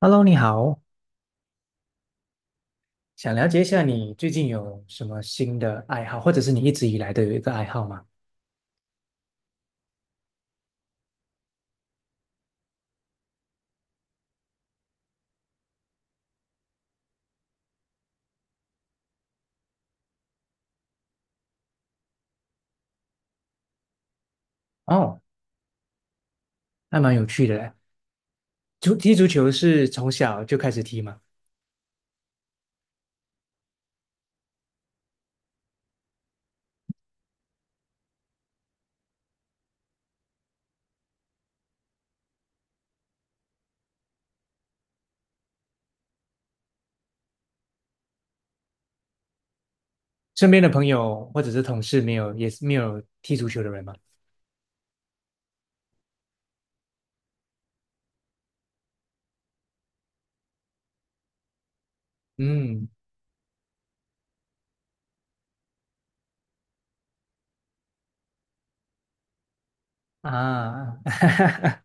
Hello，你好，想了解一下你最近有什么新的爱好，或者是你一直以来都有一个爱好吗？哦，还蛮有趣的嘞。踢足球是从小就开始踢吗？身边的朋友或者是同事没有，也是没有踢足球的人吗？嗯啊，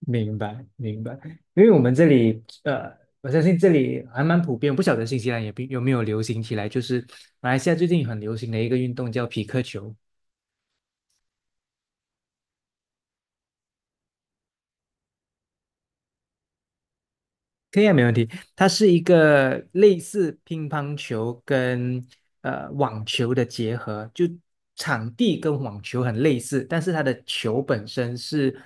明白明白。因为我们这里，我相信这里还蛮普遍，不晓得新西兰也比有没有流行起来，就是马来西亚最近很流行的一个运动叫匹克球。可以啊，没问题。它是一个类似乒乓球跟网球的结合，就场地跟网球很类似，但是它的球本身是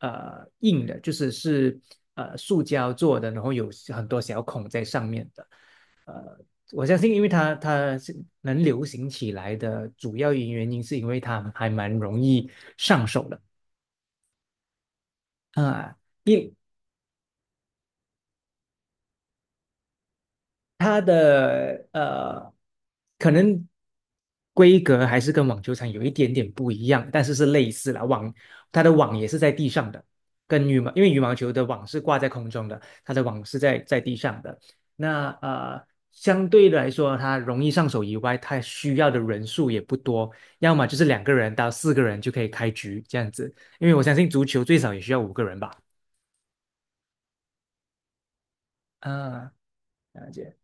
硬的，就是是塑胶做的，然后有很多小孔在上面的。我相信，因为它是能流行起来的主要原因，是因为它还蛮容易上手的啊。一它的，可能规格还是跟网球场有一点点不一样，但是是类似啦。它的网也是在地上的，跟羽毛因为羽毛球的网是挂在空中的，它的网是在地上的。那，相对来说，它容易上手以外，它需要的人数也不多，要么就是两个人到四个人就可以开局这样子。因为我相信足球最少也需要五个人吧。啊，了解，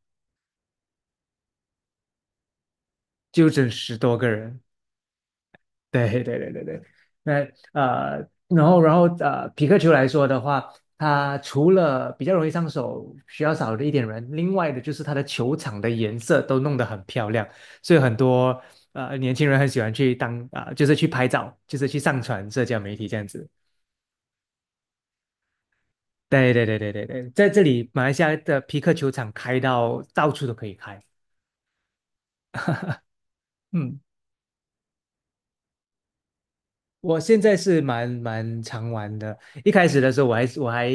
就整十多个人。对对对对对，那，然后，匹克球来说的话，它除了比较容易上手，需要少了一点人，另外的就是它的球场的颜色都弄得很漂亮，所以很多年轻人很喜欢去就是去拍照，就是去上传社交媒体这样子。对对对对对对，在这里马来西亚的匹克球场开到到处都可以开，我现在是蛮常玩的。一开始的时候，我还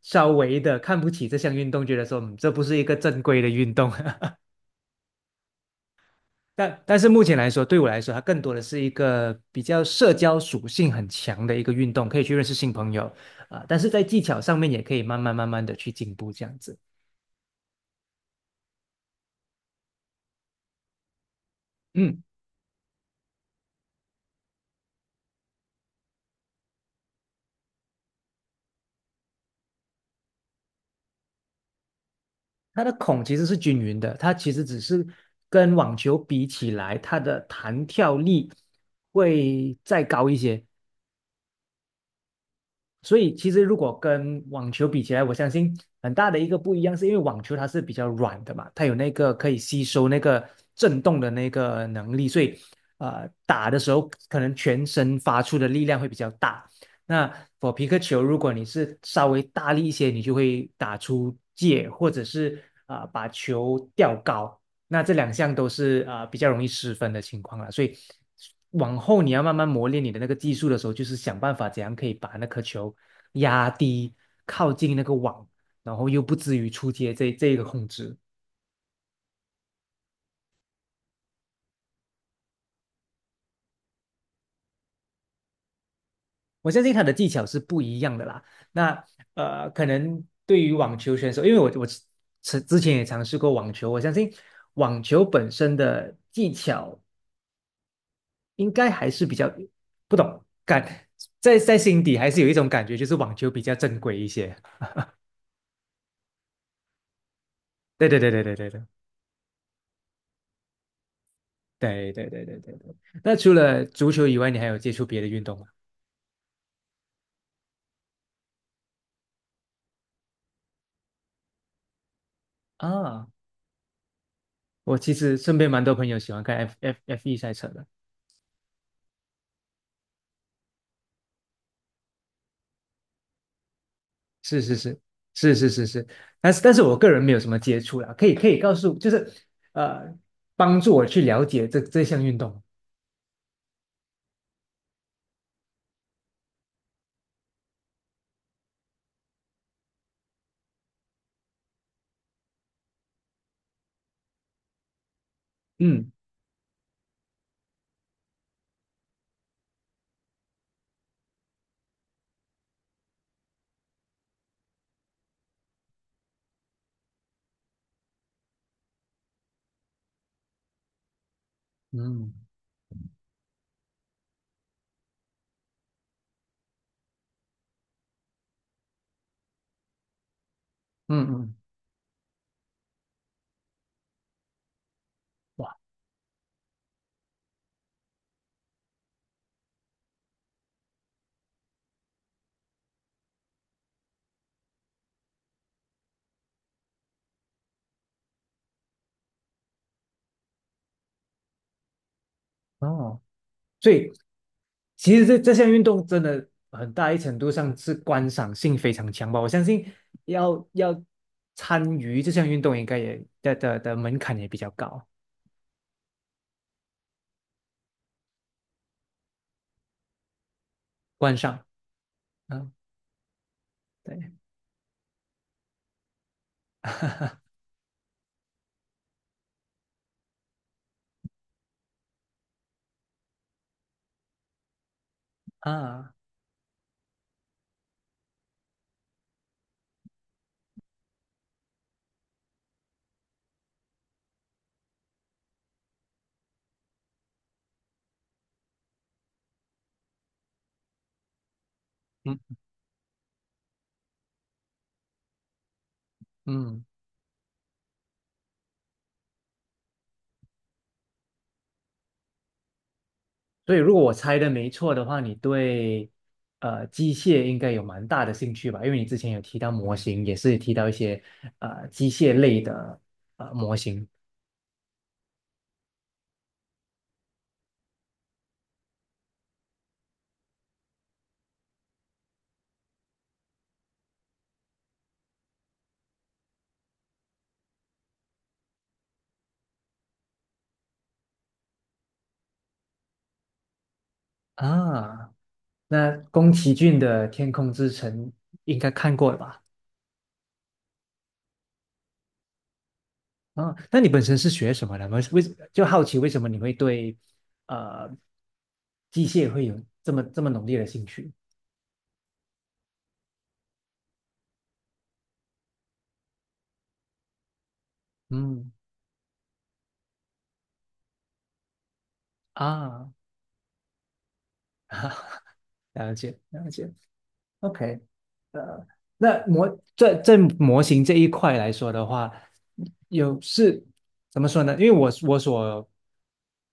稍微的看不起这项运动，觉得说，嗯这不是一个正规的运动。但但是目前来说，对我来说，它更多的是一个比较社交属性很强的一个运动，可以去认识新朋友啊、但是在技巧上面，也可以慢慢慢慢的去进步，这样子。嗯，它的孔其实是均匀的，它其实只是跟网球比起来，它的弹跳力会再高一些。所以其实如果跟网球比起来，我相信很大的一个不一样，是因为网球它是比较软的嘛，它有那个可以吸收那个震动的那个能力，所以打的时候可能全身发出的力量会比较大。那否皮克球，如果你是稍微大力一些，你就会打出界，或者是啊、把球吊高。那这两项都是啊、比较容易失分的情况了，所以往后你要慢慢磨练你的那个技术的时候，就是想办法怎样可以把那颗球压低，靠近那个网，然后又不至于出界这一个控制。我相信他的技巧是不一样的啦。那，可能对于网球选手，因为我之前也尝试过网球，我相信网球本身的技巧应该还是比较不懂感，在心底还是有一种感觉，就是网球比较正规一些。对对对对对对对对对对对对对。那除了足球以外，你还有接触别的运动吗？啊，我其实身边蛮多朋友喜欢看 F 一赛车的。是是是是是是是，但是我个人没有什么接触啦，可以告诉，就是呃，帮助我去了解这项运动。嗯嗯嗯嗯，哇哦。所以其实这项运动真的很大一程度上是观赏性非常强吧。我相信要参与这项运动，应该也的门槛也比较高。观赏，嗯，对啊，嗯，嗯，所以如果我猜的没错的话，你对机械应该有蛮大的兴趣吧？因为你之前有提到模型，也是提到一些机械类的模型啊。那宫崎骏的《天空之城》应该看过了吧？啊、那你本身是学什么的？就好奇为什么你会对呃机械会有这么浓烈的兴趣？嗯啊，了解了解。OK，那模在在模型这一块来说的话，有是怎么说呢？因为我所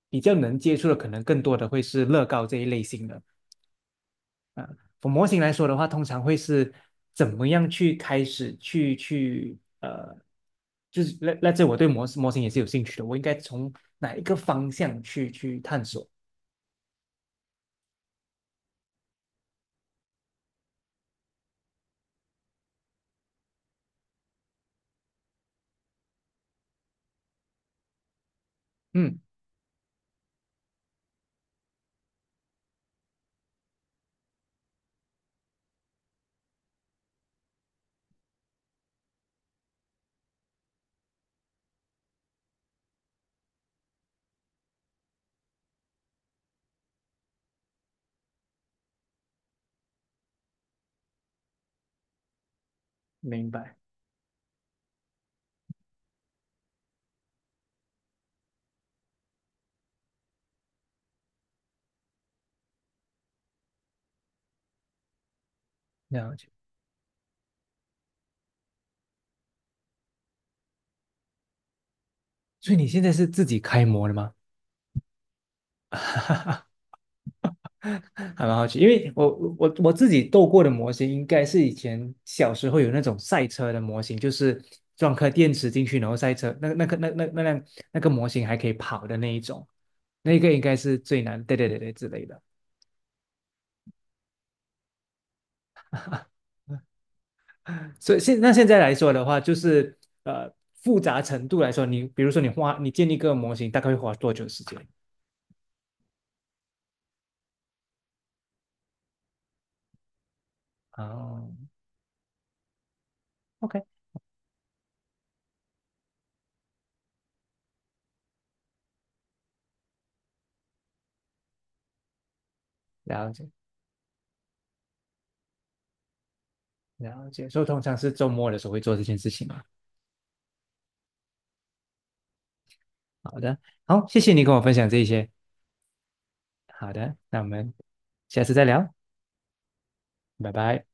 比较能接触的，可能更多的会是乐高这一类型的。啊，从模型来说的话，通常会是怎么样去开始去去呃，就是这我对模型也是有兴趣的，我应该从哪一个方向去去探索？嗯，明白，了解。所以你现在是自己开模的吗？还蛮好奇，因为我我自己斗过的模型，应该是以前小时候有那种赛车的模型，就是装颗电池进去，然后赛车，那辆那个模型还可以跑的那一种，那个应该是最难，对对对对之类的。所以现在来说的话，就是呃复杂程度来说，你比如说你花你建立一个模型，大概会花多久时间？哦，OK，了解了解，所以通常是周末的时候会做这件事情嘛。好的，好，谢谢你跟我分享这一些。好的，那我们下次再聊，拜拜。